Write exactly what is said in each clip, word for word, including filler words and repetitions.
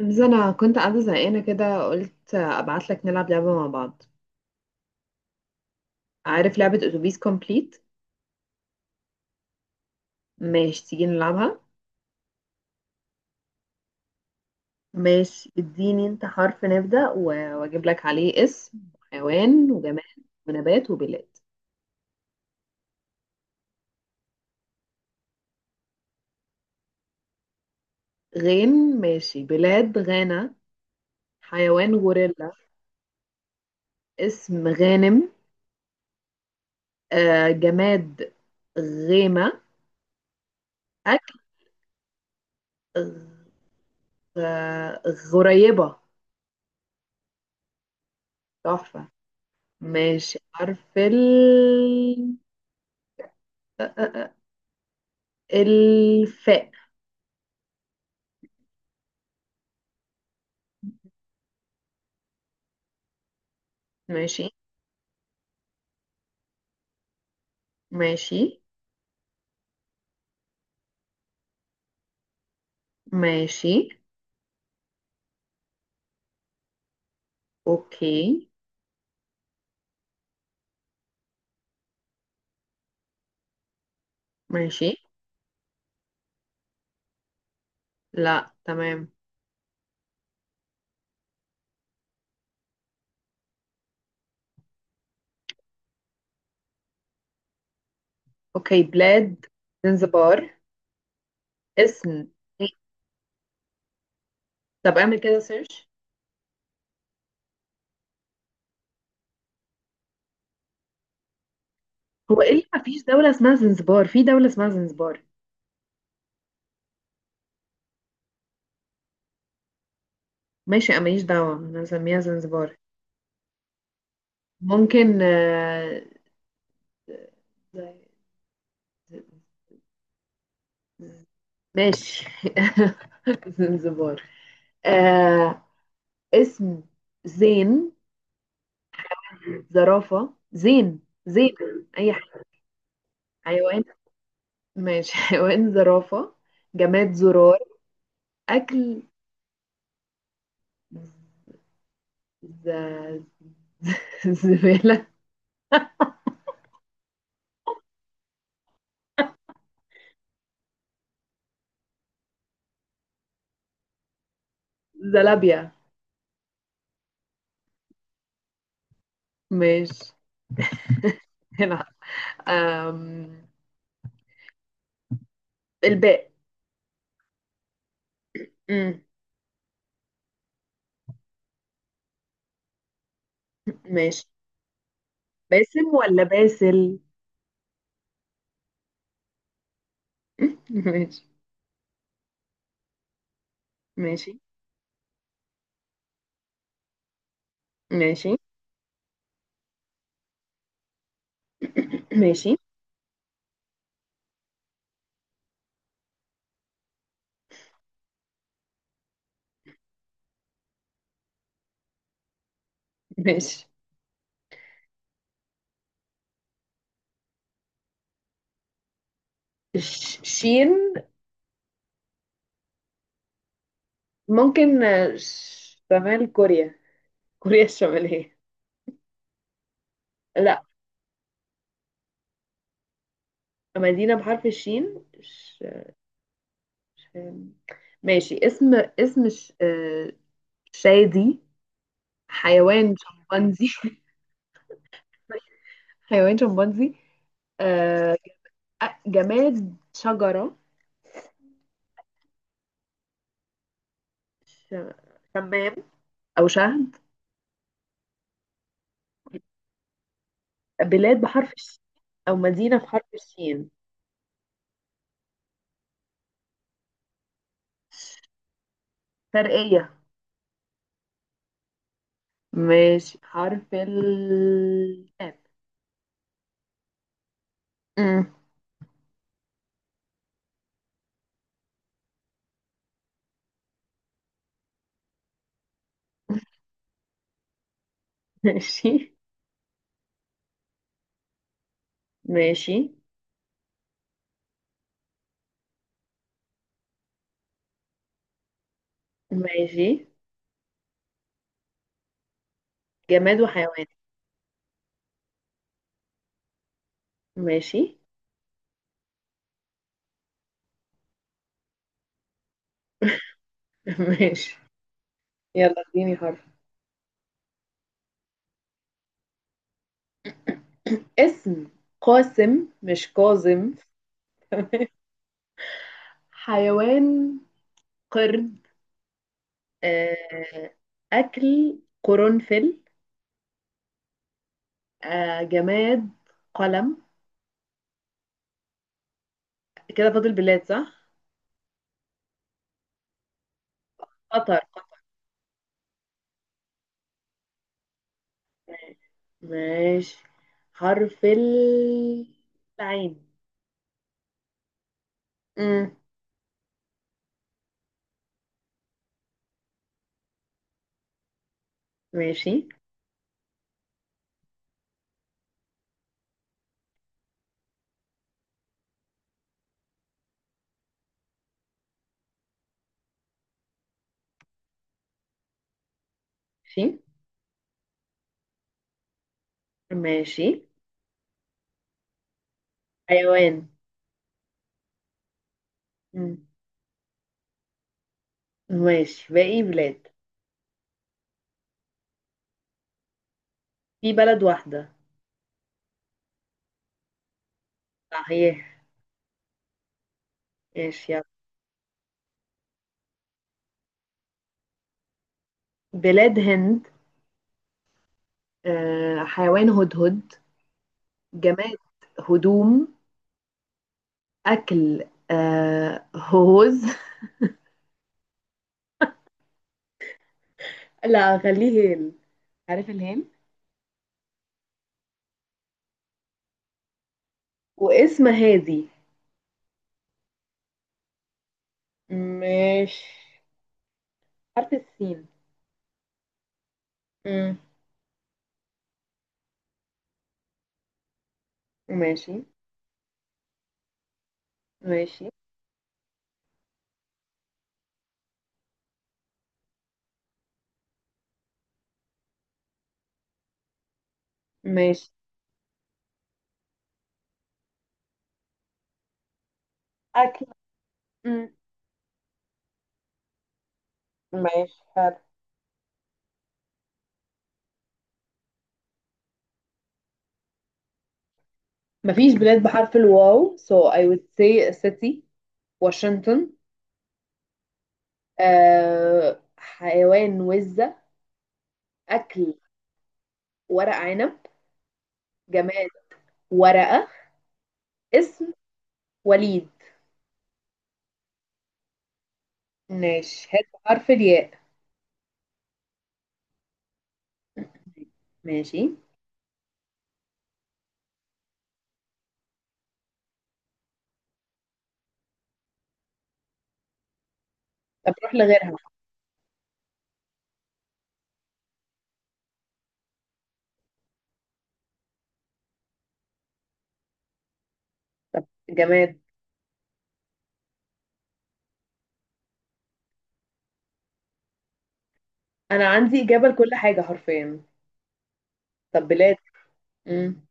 بس انا كنت قاعده زهقانه كده، قلت ابعت لك نلعب لعبه مع بعض. عارف لعبه اتوبيس كومبليت؟ ماشي تيجي نلعبها. ماشي، اديني انت حرف نبدا و- واجيب لك عليه اسم حيوان وجماد ونبات وبلاد. غين، ماشي. بلاد غانا. حيوان غوريلا. اسم غانم. آه جماد غيمه. اكل غ- غريبه. تحفه. ماشي حرف ال الفاء. ماشي. ماشي. ماشي. اوكي. ماشي. لا، تمام. اوكي، بلاد زنزبار. اسم. طب اعمل كده سيرش. هو ايه اللي مفيش دولة اسمها زنزبار؟ في دولة اسمها زنزبار. ماشي، انا ماليش دعوة، انا هسميها زنزبار. ممكن آه، ماشي. زنزبار. آه اسم زين. زرافة زين. زين. اي. حيوان. ماشي. حيوان زرافة. جماد زرار. أكل. ز... ز... زبالة. زلابيا. ماشي. هنا. أم... الباء. أم، ماشي. باسم ولا باسل؟ ماشي. ماشي. ماشي. ماشي. ماشي. ش- شين. ممكن آه، ش- شمال كوريا، كوريا الشمالية. لا، مدينة بحرف الشين. ش... أم، ماشي. اسم. اسم ش... آه، شادي. حيوان شمبانزي. حيوان شمبانزي. آه، آه، جماد شجرة. ش- شمام أو شهد. بلاد بحرف الشين، أو مدينة بحرف الشين. شرقية. ماشي حرف ال كاف. أمم. ماشي. ماشي. ماشي. جماد وحيوان. ماشي. ماشي يلا اديني حرف. اسم قاسم، مش كاظم. حيوان قرد. آه، أكل قرنفل. آه، جماد قلم. كده فاضل بلاد، صح؟ قطر. ماشي حرف ال- العين. مم. ماشي. ماشي. ماشي. حيوان. مم. ماشي باقي بلاد. في بلد واحدة. صحيح. ماشي يلا. بلاد هند. آه، حيوان هدهد. جماد هدوم. أكل آه هوز. لا، خليه هيل، عارف الهيل. واسم هادي. مش حرف السين. مم. ماشي. ماشي. ماشي. أكل. مم. ماشي حرف. مفيش بلاد بحرف الواو so I would say a city. واشنطن. آه حيوان وزة. أكل. ورق عنب. جماد ورقة. اسم وليد. ماشي هات بحرف الياء. ماشي. طب روح لغيرها. طب جماد. انا عندي اجابه لكل حاجه حرفيا. طب بلاد. امم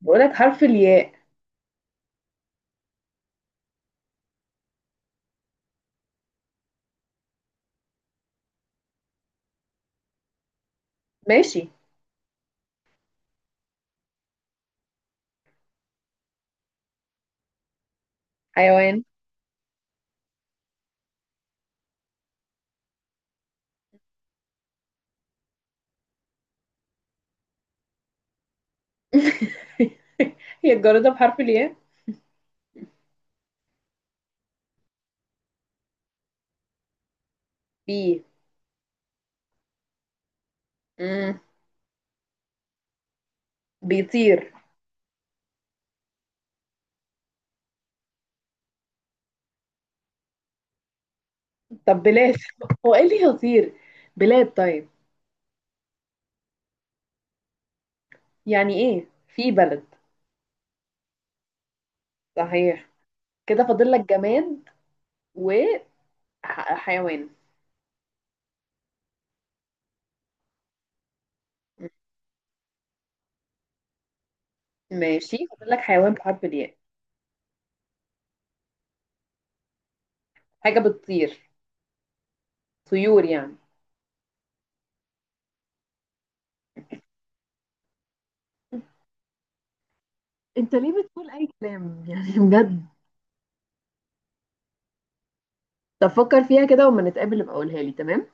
بقولك حرف الياء. ماشي. حيوان. هي الجرادة بحرف الياء؟ بي. امم بيطير. طب بلاد. هو ايه اللي يطير؟ بلاد طيب. يعني ايه؟ في بلد صحيح. كده فاضل لك جماد وحيوان. ماشي فاضل لك حيوان بحرف الياء. حاجه بتطير، طيور يعني. انت ليه بتقول اي كلام يعني، بجد؟ طب فكر فيها كده وما نتقابل ابقى قولها لي، تمام.